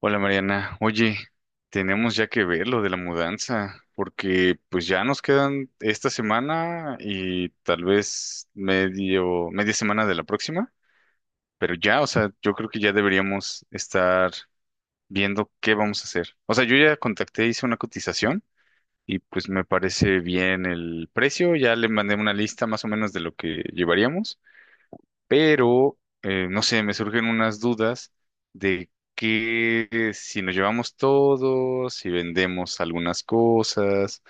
Hola Mariana, oye, tenemos ya que ver lo de la mudanza, porque pues ya nos quedan esta semana y tal vez medio, media semana de la próxima, pero ya, o sea, yo creo que ya deberíamos estar viendo qué vamos a hacer. O sea, yo ya contacté, hice una cotización y pues me parece bien el precio, ya le mandé una lista más o menos de lo que llevaríamos pero no sé, me surgen unas dudas de que si nos llevamos todo, si vendemos algunas cosas,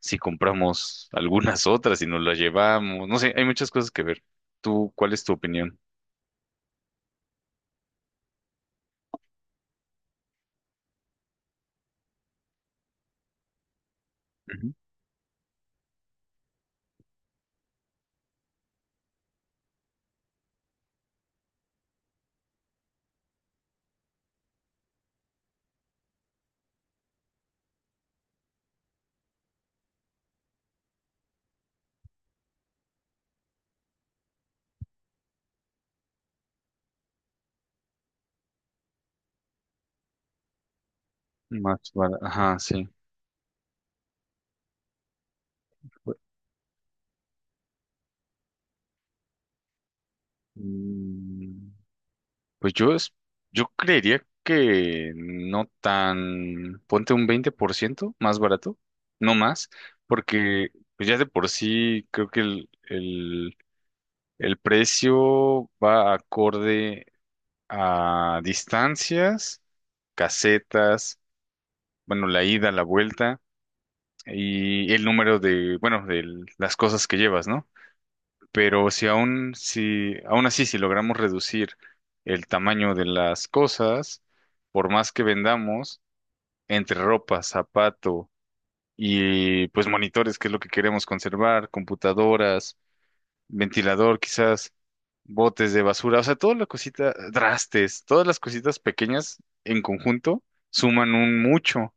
si compramos algunas otras y nos las llevamos, no sé, hay muchas cosas que ver. ¿Tú cuál es tu opinión? Ujú. Más barato. Ajá, sí. Mm, pues yo, yo creería que no tan, ponte un 20% más barato, no más, porque pues ya de por sí creo que el precio va acorde a distancias, casetas, bueno, la ida, la vuelta y el número de, bueno, de las cosas que llevas, ¿no? Pero si aún, si, aún así, si logramos reducir el tamaño de las cosas, por más que vendamos, entre ropa, zapato y pues monitores, que es lo que queremos conservar, computadoras, ventilador, quizás botes de basura, o sea, toda la cosita, trastes, todas las cositas pequeñas en conjunto suman un mucho.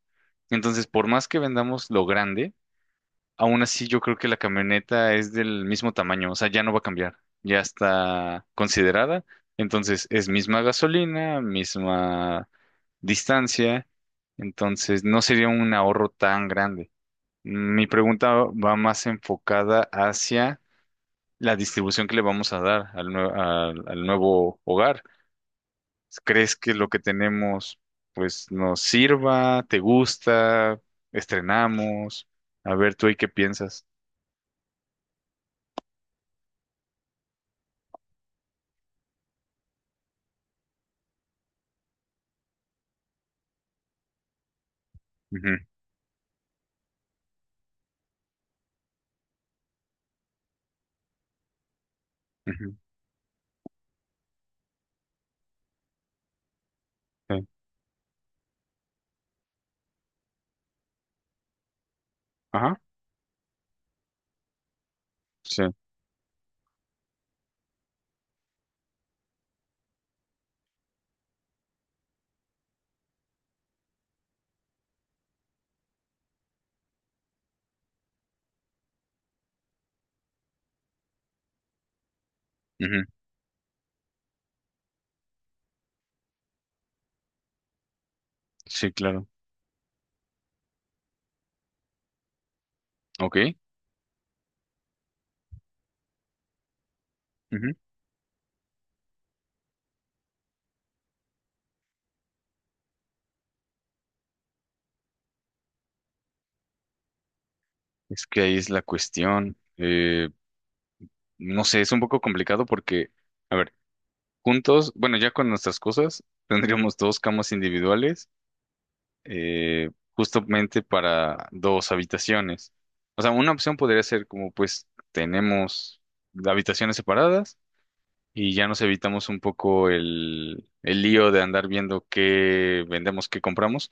Entonces, por más que vendamos lo grande, aún así, yo creo que la camioneta es del mismo tamaño, o sea, ya no va a cambiar, ya está considerada, entonces es misma gasolina, misma distancia, entonces no sería un ahorro tan grande. Mi pregunta va más enfocada hacia la distribución que le vamos a dar al, al nuevo hogar. ¿Crees que lo que tenemos pues nos sirva, te gusta, estrenamos? A ver, tú ahí qué piensas. Ujú, ujú. Sí. Ajá, sí. Ujú, sí, claro. Ok. Ujú. Es que ahí es la cuestión. No sé, es un poco complicado porque, a ver, juntos, bueno, ya con nuestras cosas, tendríamos dos camas individuales, eh, justamente para dos habitaciones. O sea, una opción podría ser como, pues, tenemos habitaciones separadas y ya nos evitamos un poco el lío de andar viendo qué vendemos, qué compramos.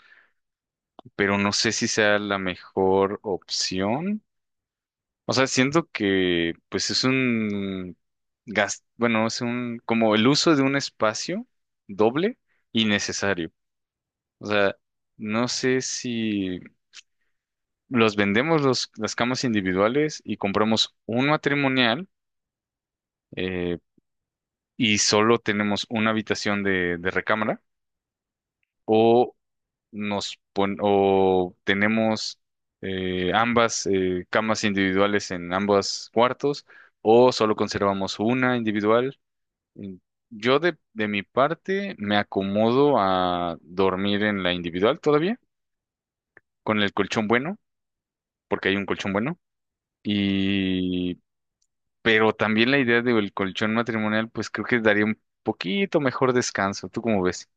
Pero no sé si sea la mejor opción. O sea, siento que pues es un bueno, es un como el uso de un espacio doble innecesario. O sea, no sé si los vendemos las camas individuales y compramos un matrimonial eh, y solo tenemos una habitación de recámara. O tenemos ambas camas individuales en ambos cuartos o solo conservamos una individual. En- Yo de mi parte me acomodo a dormir en la individual todavía, con el colchón bueno, porque hay un colchón bueno. Y pero también la idea del colchón matrimonial, pues creo que daría un poquito mejor descanso. ¿Tú cómo ves?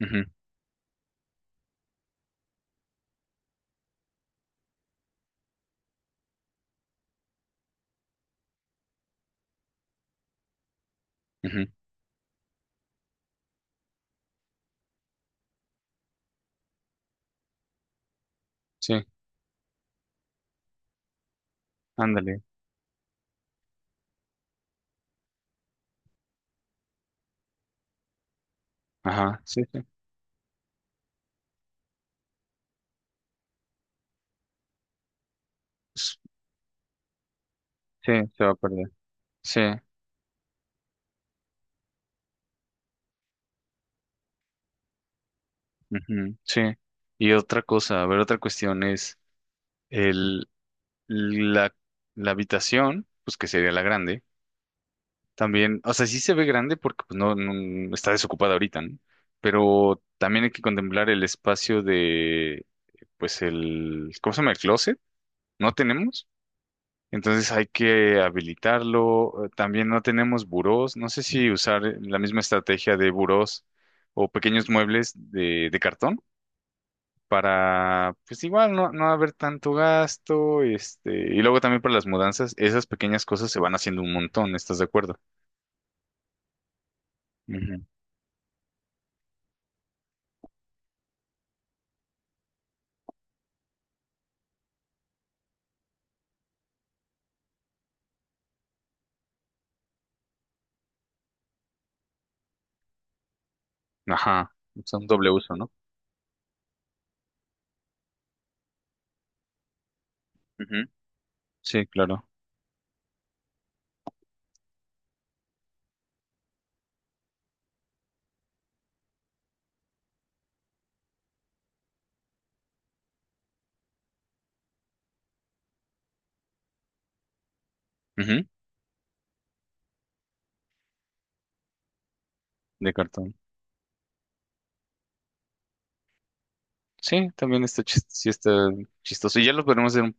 Ujú, ujú. Sí, ándale. Ajá, sí, sí. Sí, se va a perder. Sí, ujú, sí. Y otra cosa, a ver, otra cuestión es el, la, la habitación, pues que sería la grande, también, o sea, sí se ve grande porque pues, no, está desocupada ahorita, ¿no? Pero también hay que contemplar el espacio de, pues el, ¿cómo se llama? El closet, no tenemos, entonces hay que habilitarlo, también no tenemos burós, no sé si usar la misma estrategia de burós o pequeños muebles de cartón para, pues igual, no, no haber tanto gasto, este, y luego también para las mudanzas, esas pequeñas cosas se van haciendo un montón, ¿estás de acuerdo? Ujú. Ajá, son doble uso, no. Ujú. Sí, claro. Ujú, de cartón. Sí, también está, sí está chistoso. Y ya lo podemos hacer un...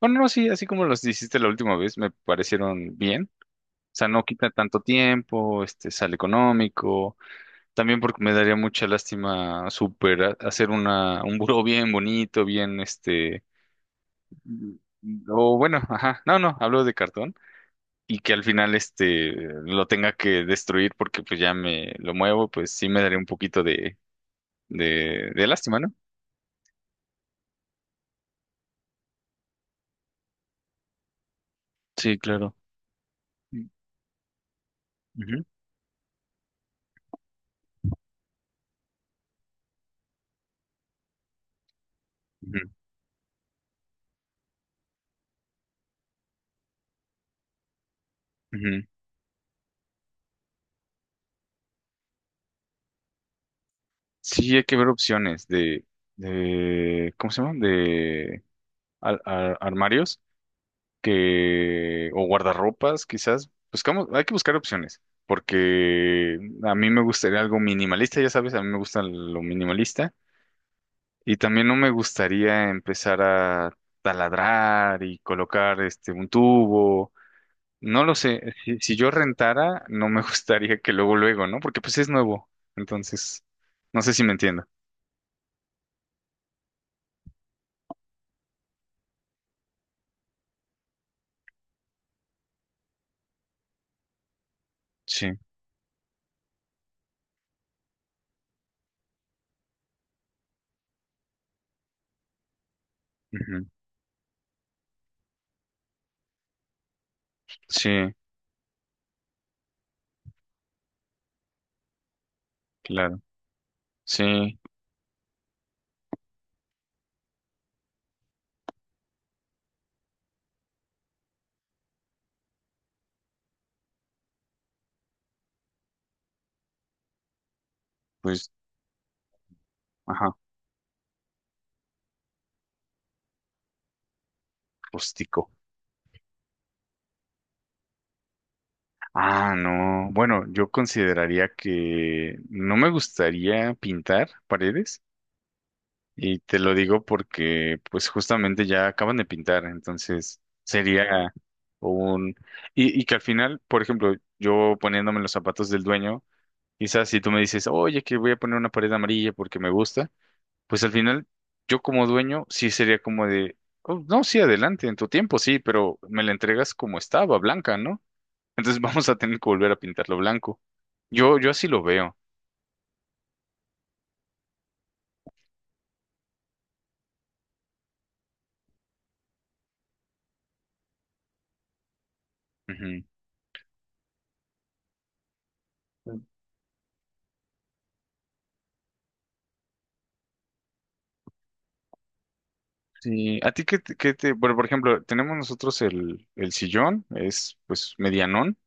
Bueno, no, sí, así como los hiciste la última vez, me parecieron bien. O sea, no quita tanto tiempo, este, sale económico. También porque me daría mucha lástima super hacer una, un buró bien bonito, bien, este, mm, o bueno, ajá, no, no, hablo de cartón y que al final este lo tenga que destruir porque pues ya me lo muevo, pues sí me daría un poquito de lástima, ¿no? Sí, claro. Mm, ujú, ujú, ujú. Sí, hay que ver opciones de, ¿cómo se llaman? De armarios que, o guardarropas, quizás. Buscamos, hay que buscar opciones, porque a mí me gustaría algo minimalista, ya sabes, a mí me gusta lo minimalista. Y también no me gustaría empezar a taladrar y colocar este un tubo. No lo sé, si yo rentara, no me gustaría que luego luego, ¿no? Porque pues es nuevo. Entonces, no sé si me entiendo. Sí, ujú, sí, claro. Sí, pues, ajá, rústico. Ah, no. Bueno, yo consideraría que no me gustaría pintar paredes. Y te lo digo porque, pues, justamente ya acaban de pintar, entonces sería un... Y, y que al final, por ejemplo, yo poniéndome los zapatos del dueño, quizás si tú me dices, oye, que voy a poner una pared amarilla porque me gusta, pues al final yo como dueño sí sería como de, "Oh, no, sí, adelante, en tu tiempo sí, pero me la entregas como estaba, blanca, ¿no? Entonces vamos a tener que volver a pintarlo blanco. Yo así lo veo. Ujú. Sí, a ti qué te, bueno, por ejemplo, tenemos nosotros el sillón, es pues medianón,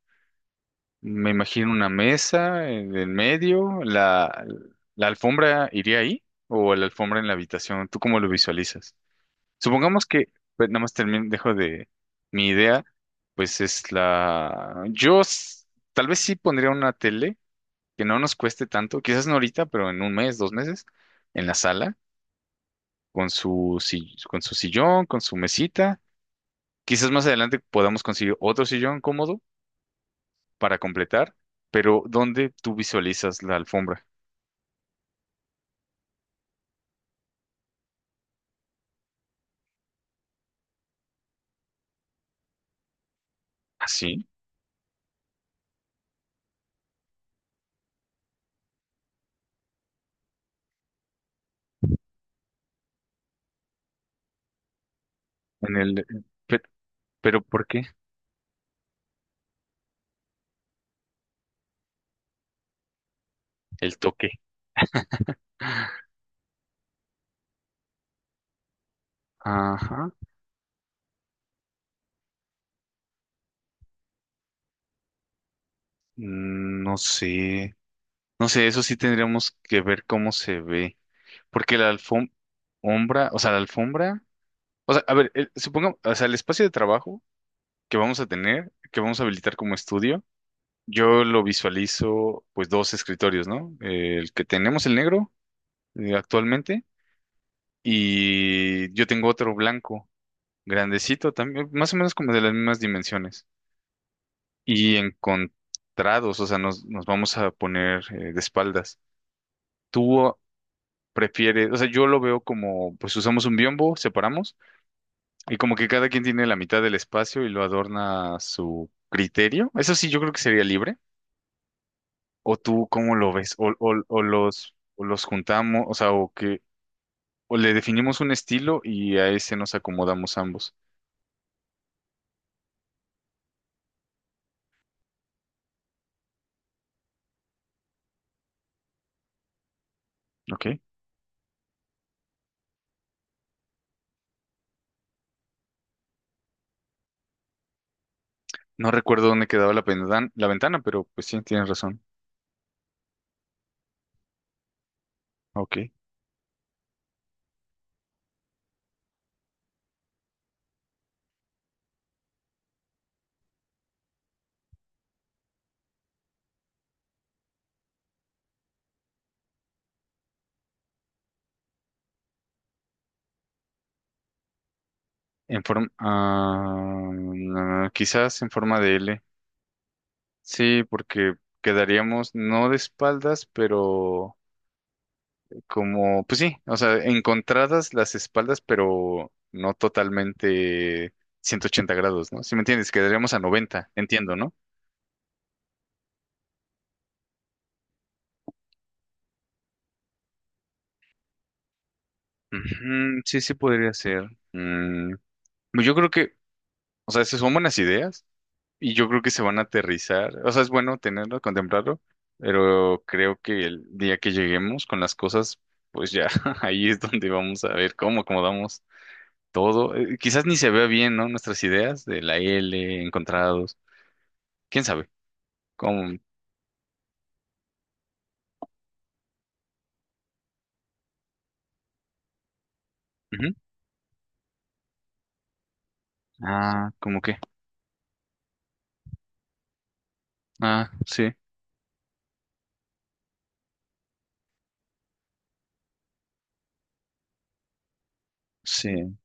me imagino una mesa en el medio, la alfombra iría ahí o la alfombra en la habitación, ¿tú cómo lo visualizas? Supongamos que, pues, nada más termino, dejo de mi idea, pues es la, tal vez sí pondría una tele que no nos cueste tanto, quizás no ahorita, pero en un mes, dos meses, en la sala, con su, con su sillón, con su mesita. Quizás más adelante podamos conseguir otro sillón cómodo para completar, pero ¿dónde tú visualizas la alfombra? Así, en el... pe- ¿Pero por qué? El toque. Ajá. Mm, no sé. No sé, eso sí tendríamos que ver cómo se ve. Porque la alfombra, o sea, la alfombra, o sea, a ver, supongamos, o sea, el espacio de trabajo que vamos a tener, que vamos a habilitar como estudio, yo lo visualizo, pues, dos escritorios, ¿no? El que tenemos, el negro, actualmente. Y yo tengo otro blanco, grandecito también, más o menos como de las mismas dimensiones. Y encontrados, o sea, nos vamos a poner de espaldas. Tú prefieres, o sea, yo lo veo como, pues usamos un biombo, separamos, y como que cada quien tiene la mitad del espacio y lo adorna a su criterio. Eso sí, yo creo que sería libre. ¿O tú cómo lo ves? ¿O, o los juntamos, o sea, o que, o le definimos un estilo y a ese nos acomodamos ambos? ¿Ok? No recuerdo dónde quedaba la, la ventana, pero pues sí, tienes razón. Ok. En forma... ah, mm, quizás en forma de L. Sí, porque quedaríamos no de espaldas, pero como... Pues sí, o sea, encontradas las espaldas, pero no totalmente 180 grados, ¿no? Si me entiendes, quedaríamos a 90, entiendo, ¿no? Ujú, sí, sí podría ser. Mm, pues yo creo que, o sea, esas son buenas ideas. Y yo creo que se van a aterrizar. O sea, es bueno tenerlo, contemplarlo, pero creo que el día que lleguemos con las cosas, pues ya ahí es donde vamos a ver cómo acomodamos todo. Quizás ni se vea bien, ¿no? Nuestras ideas de la L, encontrados. ¿Quién sabe? ¿Cómo? Ujú. Ah, ¿cómo qué? Ah, sí, sí.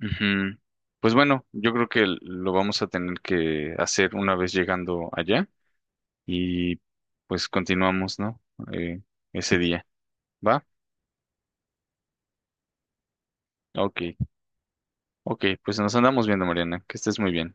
Ujú. Pues bueno, yo creo que lo vamos a tener que hacer una vez llegando allá y pues continuamos, ¿no? Eh, Ese día. ¿Va? Ok, ok, pues nos andamos viendo, Mariana, que estés muy bien.